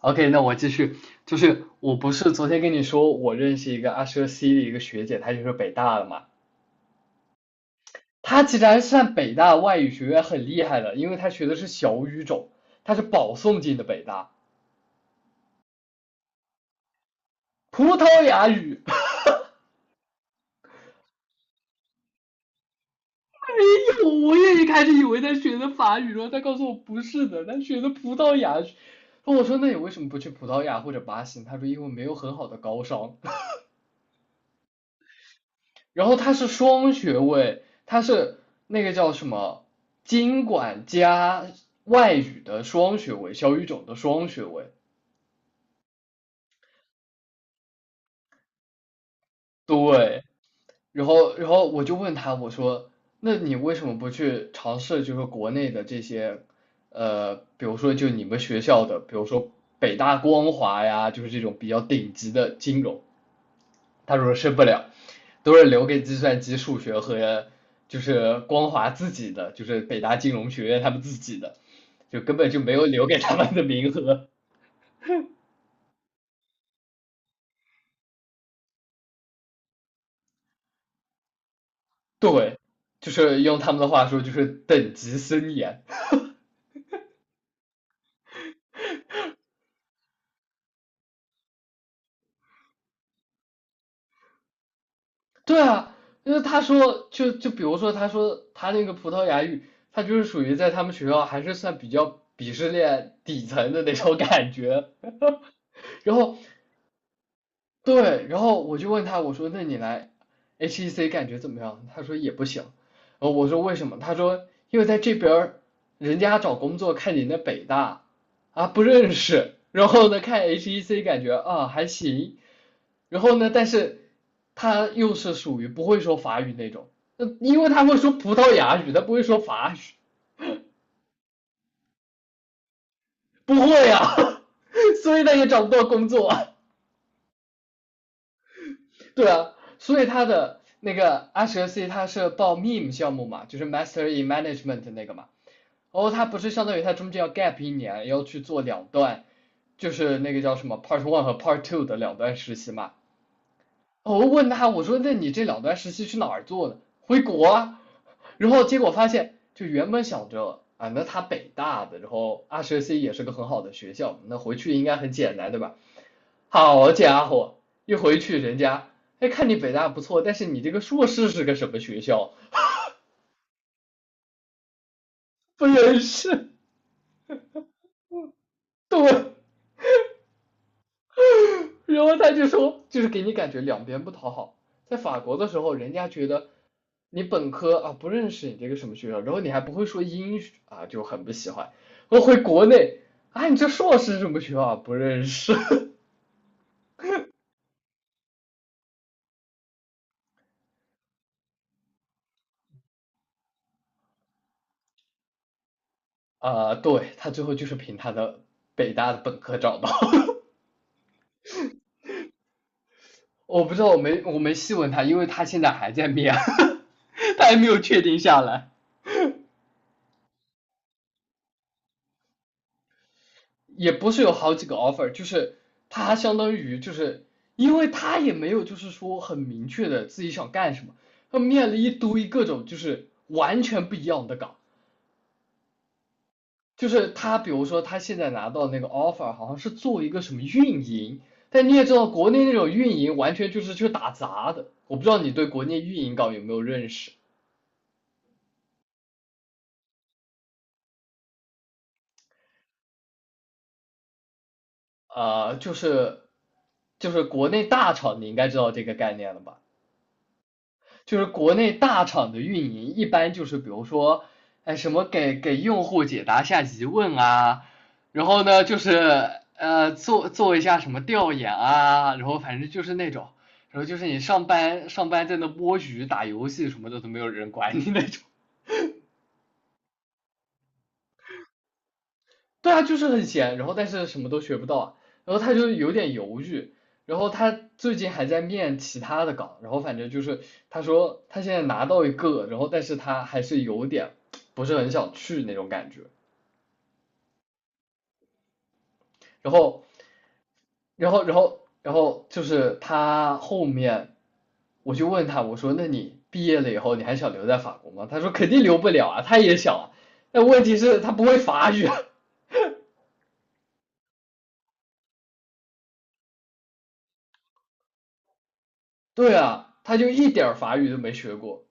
OK，那我继续，就是我不是昨天跟你说我认识一个阿舍 C 的一个学姐，她就是北大的嘛，她其实还是算北大外语学院很厉害的，因为她学的是小语种，她是保送进的北大，葡萄牙语。哎呦，我也一开始以为她学的法语，然后她告诉我不是的，她学的葡萄牙语。我说那你为什么不去葡萄牙或者巴西？她说因为没有很好的高商。然后他是双学位，他是那个叫什么经管加外语的双学位，小语种的双学位。对，然后我就问他，我说，那你为什么不去尝试就是国内的这些，比如说就你们学校的，比如说北大光华呀，就是这种比较顶级的金融。他说申不了，都是留给计算机、数学和就是光华自己的，就是北大金融学院他们自己的，就根本就没有留给他们的名额。对，就是用他们的话说，就是等级森严。对啊，因为他说，就比如说，他说他那个葡萄牙语，他就是属于在他们学校还是算比较鄙视链底层的那种感觉。然后对，然后我就问他，我说那你来 HEC 感觉怎么样？他说也不行。然后我说为什么？他说因为在这边儿人家找工作看你那北大啊不认识，然后呢看 HEC 感觉啊还行，然后呢但是他又是属于不会说法语那种，因为他会说葡萄牙语，他不会说法语，不会啊，所以他也找不到工作啊对啊，所以他的那个阿 s c 他是报 MEM 项目嘛，就是 Master in Management 那个嘛，然后他不是相当于他中间要 gap 一年，要去做两段，就是那个叫什么 Part One 和 Part Two 的两段实习嘛，哦我问他，我说那你这两段实习去哪儿做的？回国啊。然后结果发现，就原本想着啊，那他北大的，然后二十 C 也是个很好的学校，那回去应该很简单，对吧？好家伙，一回去人家，哎，看你北大不错，但是你这个硕士是个什么学校？不认识，对，然后他就说，就是给你感觉两边不讨好。在法国的时候，人家觉得你本科啊不认识你这个什么学校，然后你还不会说英语啊，就很不喜欢。我回国内啊，你这硕士什么学校啊不认识 啊？对他最后就是凭他的北大的本科找到。我不知道，我没细问他，因为他现在还在面，他还没有确定下来。也不是有好几个 offer，就是他相当于就是因为他也没有就是说很明确的自己想干什么，他面了一堆各种就是完全不一样的岗，就是他比如说他现在拿到那个 offer 好像是做一个什么运营，但你也知道国内那种运营完全就是去打杂的，我不知道你对国内运营岗有没有认识啊，就是国内大厂你应该知道这个概念了吧？就是国内大厂的运营一般就是比如说，哎什么给用户解答下疑问啊，然后呢就是做一下什么调研啊，然后反正就是那种，然后就是你上班在那摸鱼打游戏什么的都没有人管你那种。对啊，就是很闲，然后但是什么都学不到啊，然后他就有点犹豫，然后他最近还在面其他的岗，然后反正就是他说他现在拿到一个，然后但是他还是有点不是很想去那种感觉，然后，然后就是他后面我就问他，我说那你毕业了以后你还想留在法国吗？他说肯定留不了啊，他也想啊，但问题是他不会法语啊，对啊，他就一点儿法语都没学过。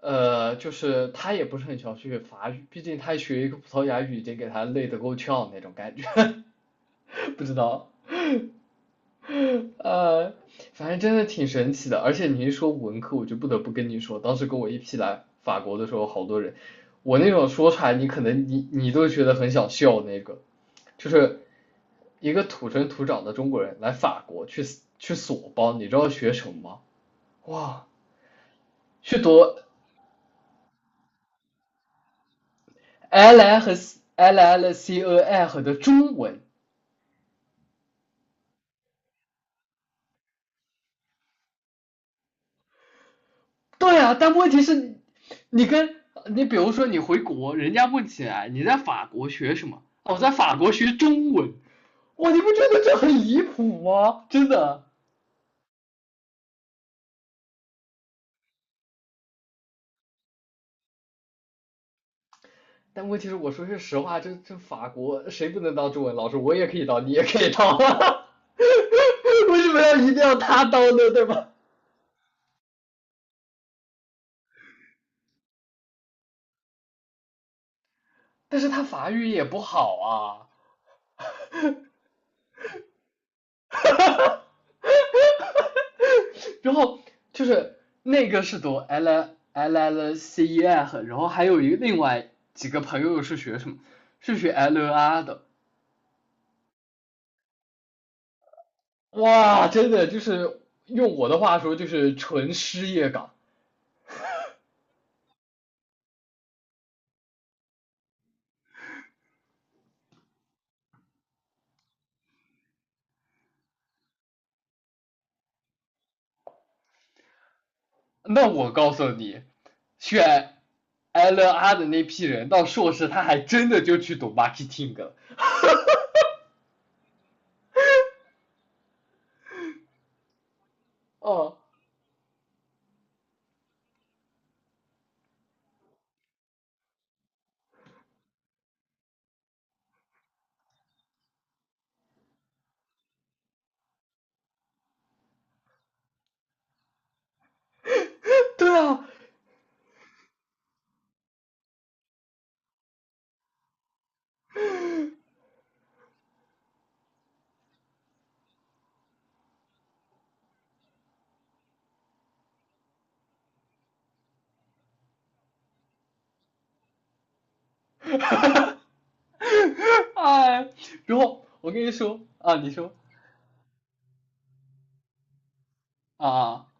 就是他也不是很想学法语，毕竟他学一个葡萄牙语已经给他累得够呛那种感觉，不知道。呃，反正真的挺神奇的，而且你一说文科，我就不得不跟你说，当时跟我一批来法国的时候，好多人，我那种说出来，你可能你都觉得很想笑那个，就是一个土生土长的中国人来法国去索邦，你知道学什么吗？哇，去读 l l 和 l l c o f 的中文。对啊，但问题是，你跟你比如说你回国，人家问起来你在法国学什么？哦我在法国学中文。哇，你不觉得这很离谱吗？真的。但问题是，我说句实话，这法国谁不能当中文老师？我也可以当，你也可以当啊。为什么要一定要他当呢？对吧？但是他法语也不好啊。然后就是那个是读 L L L C E F，然后还有一个另外几个朋友是学什么，是学 L E R 的。哇，真的就是用我的话说就是纯失业岗。那我告诉你，选 L E R 的那批人到硕士，他还真的就去读 marketing 了。哦，对啊，哎，然后我跟你说啊，你说啊。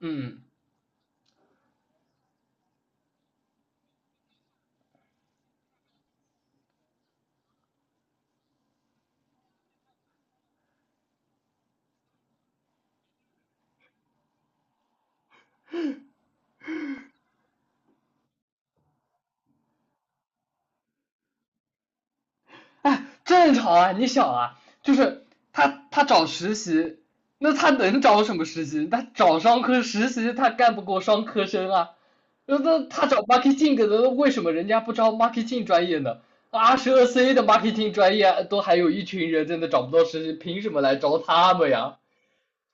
嗯，哎，正常啊，你想啊，就是他找实习，那他能找什么实习？他找商科实习，他干不过商科生啊。那他找 marketing 的，那为什么人家不招 marketing 专业呢？二十二 C 的 marketing 专业都还有一群人在那找不到实习，凭什么来招他们呀？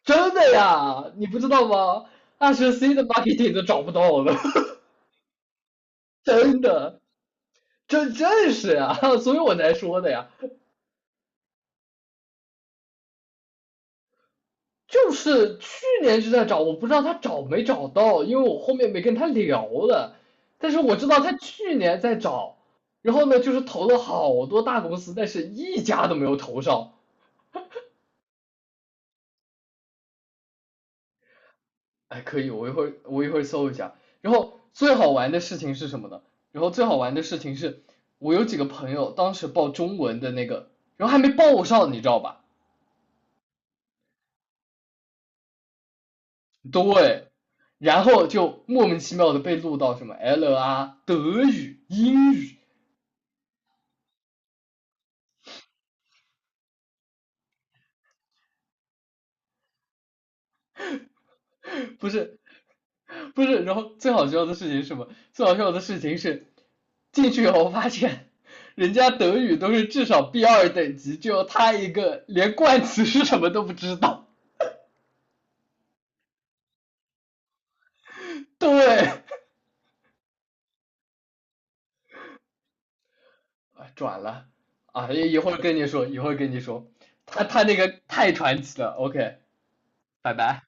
真的呀，你不知道吗？二十 C 的 marketing 都找不到了，真的，这正是啊，所以我才说的呀。就是去年就在找，我不知道他找没找到，因为我后面没跟他聊了。但是我知道他去年在找，然后呢，就是投了好多大公司，但是一家都没有投上。哎，可以，我一会儿搜一下。然后最好玩的事情是什么呢？然后最好玩的事情是，我有几个朋友当时报中文的那个，然后还没报上，你知道吧？对，然后就莫名其妙的被录到什么 L 啊、德语、英语，不是 不是，然后最好笑的事情是什么？最好笑的事情是进去以后发现，人家德语都是至少 B2等级，就他一个连冠词是什么都不知道。对，啊转了啊，一会儿跟你说，一会儿跟你说，他那个太传奇了。OK，拜拜。